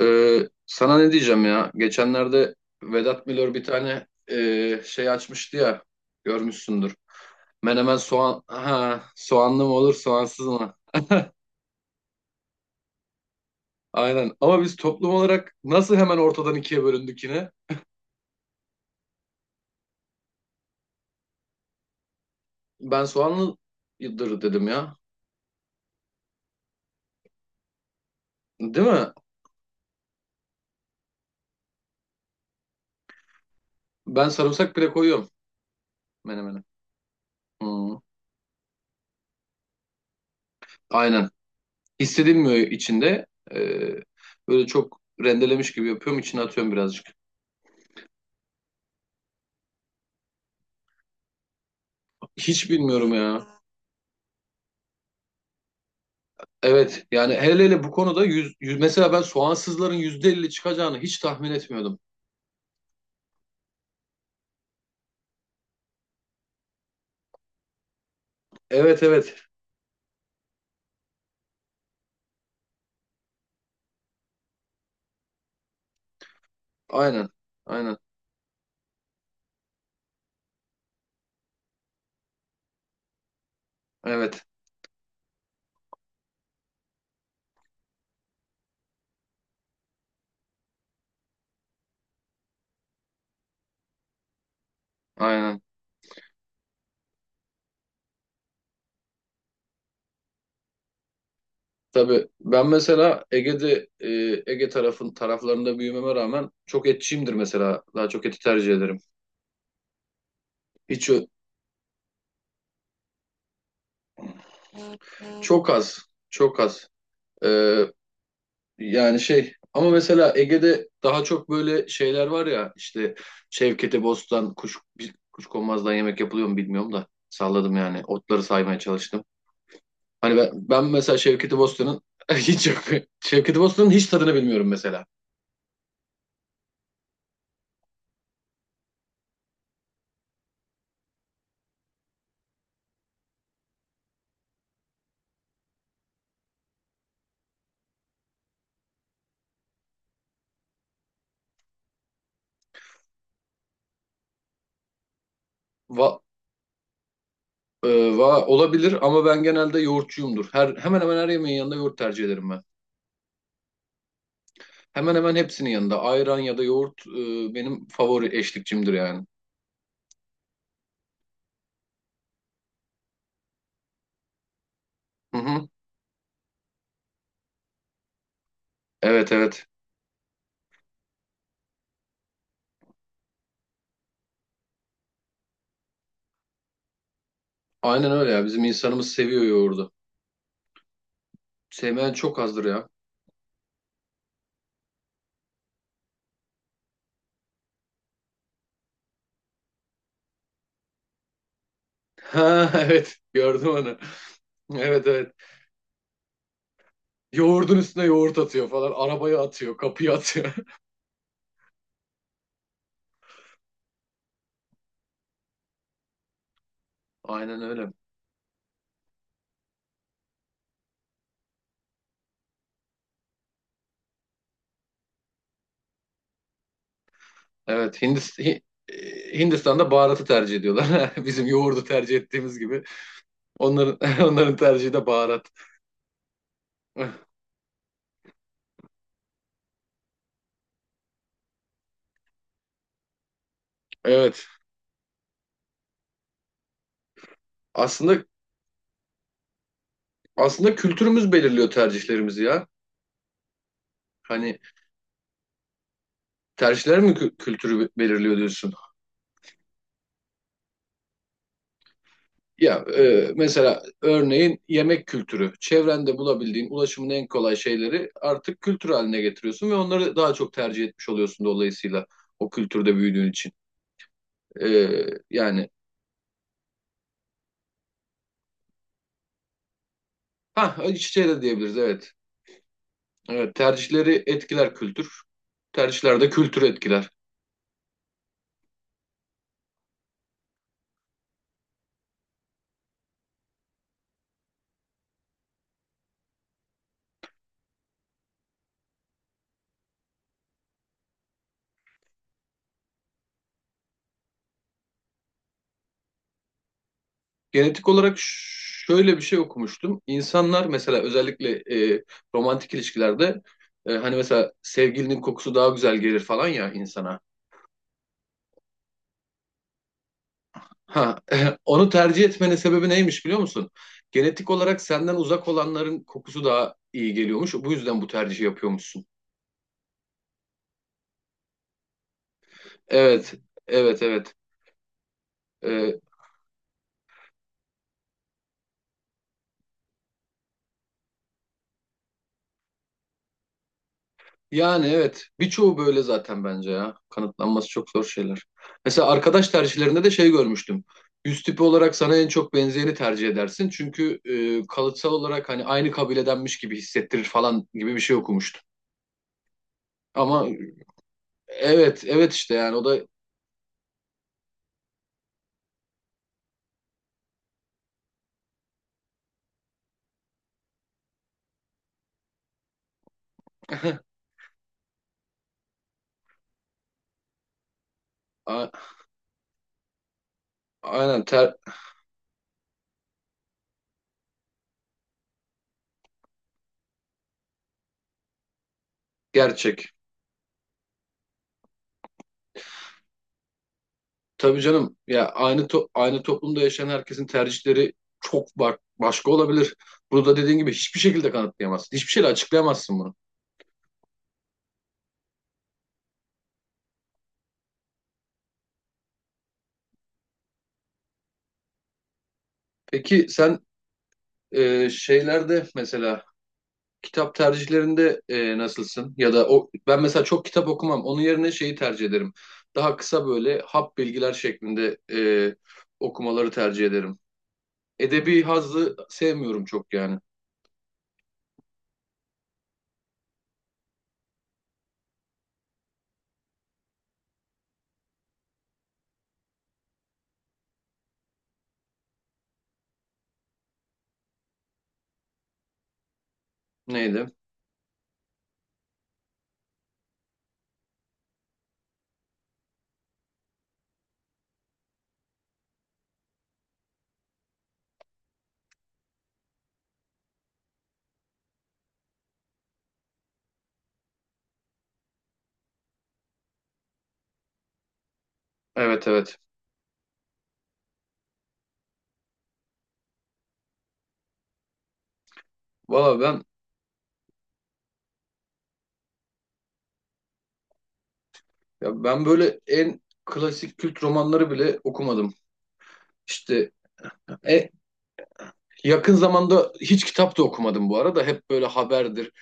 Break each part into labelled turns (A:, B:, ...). A: Ee, Sana ne diyeceğim ya? Geçenlerde Vedat Milor bir tane şey açmıştı ya. Görmüşsündür. Menemen soğan. Ha, soğanlı mı olur, soğansız mı? Aynen. Ama biz toplum olarak nasıl hemen ortadan ikiye bölündük yine? Ben soğanlıdır dedim ya. Değil mi? Ben sarımsak bile koyuyorum menemene. Hı, aynen. Hissedilmiyor içinde. Ee, Böyle çok rendelemiş gibi yapıyorum. İçine atıyorum birazcık. Hiç bilmiyorum ya. Evet yani hele hele bu konuda mesela ben soğansızların %50 çıkacağını hiç tahmin etmiyordum. Evet, evet, aynen, aynen, evet, aynen. Tabii ben mesela Ege taraflarında büyümeme rağmen çok etçiyimdir mesela. Daha çok eti tercih ederim. Hiç ö- çok az, çok az. Ee, Yani şey ama mesela Ege'de daha çok böyle şeyler var ya işte Şevkete Bostan, Kuşkonmaz'dan yemek yapılıyor mu bilmiyorum da salladım yani otları saymaya çalıştım. Hani ben mesela Şevketi Bostan'ın hiç yok. Şevketi Bostan'ın hiç tadını bilmiyorum mesela. Va, e, Olabilir ama ben genelde yoğurtçuyumdur. Hemen hemen her yemeğin yanında yoğurt tercih ederim ben. Hemen hemen hepsinin yanında ayran ya da yoğurt benim favori eşlikçimdir yani. Hı hı. Evet, evet. Aynen öyle ya, bizim insanımız seviyor yoğurdu. Sevmeyen çok azdır ya. Ha, evet, gördüm onu. Evet, evet. Yoğurdun üstüne yoğurt atıyor falan. Arabaya atıyor, kapıya atıyor. Aynen öyle. Evet, Hindistan'da baharatı tercih ediyorlar. Bizim yoğurdu tercih ettiğimiz gibi. Onların onların tercihi de baharat. Evet. Aslında aslında kültürümüz belirliyor tercihlerimizi ya. Hani tercihler mi kültürü belirliyor diyorsun? Ya, mesela örneğin yemek kültürü. Çevrende bulabildiğin ulaşımın en kolay şeyleri artık kültür haline getiriyorsun ve onları daha çok tercih etmiş oluyorsun, dolayısıyla o kültürde büyüdüğün için. E, Yani ha, iç içe de diyebiliriz, evet. Evet, tercihleri etkiler kültür. Tercihler de kültürü etkiler. Genetik olarak şöyle bir şey okumuştum. İnsanlar mesela özellikle e, romantik ilişkilerde hani mesela sevgilinin kokusu daha güzel gelir falan ya insana. Ha, onu tercih etmenin sebebi neymiş biliyor musun? Genetik olarak senden uzak olanların kokusu daha iyi geliyormuş. Bu yüzden bu tercihi yapıyormuşsun. Evet, evet, evet. E, Yani evet. Birçoğu böyle zaten bence ya. Kanıtlanması çok zor şeyler. Mesela arkadaş tercihlerinde de şey görmüştüm. Yüz tipi olarak sana en çok benzeyeni tercih edersin. Çünkü kalıtsal olarak hani aynı kabiledenmiş gibi hissettirir falan gibi bir şey okumuştum. Ama evet, evet işte yani o da a- aynen gerçek. Tabii canım ya aynı toplumda yaşayan herkesin tercihleri çok başka olabilir. Bunu da dediğin gibi hiçbir şekilde kanıtlayamazsın. Hiçbir şeyle açıklayamazsın bunu. Peki sen, şeylerde mesela kitap tercihlerinde nasılsın? Ya da o, ben mesela çok kitap okumam. Onun yerine şeyi tercih ederim. Daha kısa böyle hap bilgiler şeklinde okumaları tercih ederim. Edebi hazzı sevmiyorum çok yani. Neydi? Evet, evet. Valla ben, ya ben böyle en klasik kült romanları bile okumadım. İşte e, yakın zamanda hiç kitap da okumadım bu arada. Hep böyle haberdir,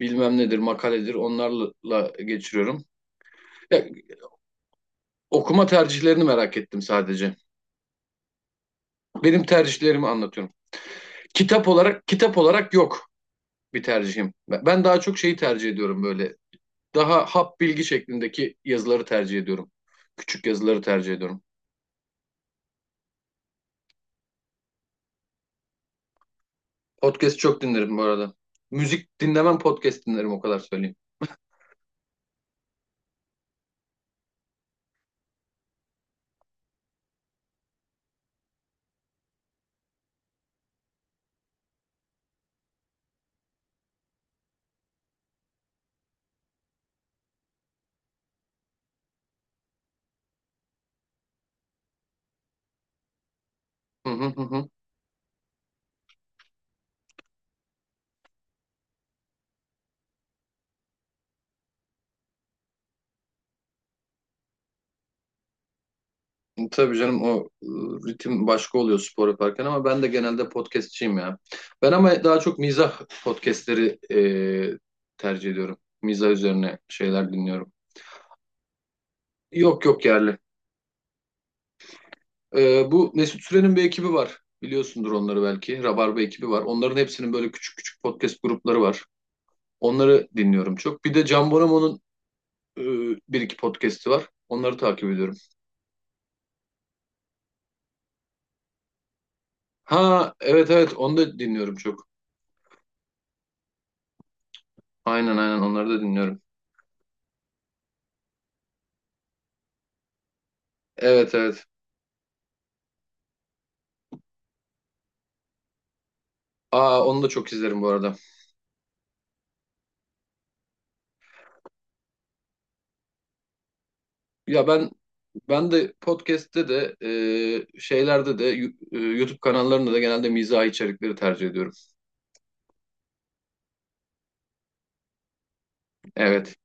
A: bilmem nedir, makaledir, onlarla geçiriyorum. Ya, okuma tercihlerini merak ettim sadece. Benim tercihlerimi anlatıyorum. Kitap olarak yok bir tercihim. Ben daha çok şeyi tercih ediyorum böyle. Daha hap bilgi şeklindeki yazıları tercih ediyorum. Küçük yazıları tercih ediyorum. Podcast çok dinlerim bu arada. Müzik dinlemem, podcast dinlerim, o kadar söyleyeyim. Hı hı hı. Hı. Tabii canım, o ritim başka oluyor spor yaparken, ama ben de genelde podcastçiyim ya. Ben ama daha çok mizah podcastleri tercih ediyorum. Mizah üzerine şeyler dinliyorum. Yok, yok, yerli. Bu Mesut Süren'in bir ekibi var. Biliyorsundur onları belki. Rabarba ekibi var. Onların hepsinin böyle küçük küçük podcast grupları var. Onları dinliyorum çok. Bir de Can Bonomo'nun e, bir iki podcast'i var. Onları takip ediyorum. Ha, evet, evet, onu da dinliyorum çok. Aynen, aynen, onları da dinliyorum. Evet, evet. Aa, onu da çok izlerim bu arada. Ya ben de podcast'te de şeylerde de YouTube kanallarında da genelde mizahi içerikleri tercih ediyorum. Evet.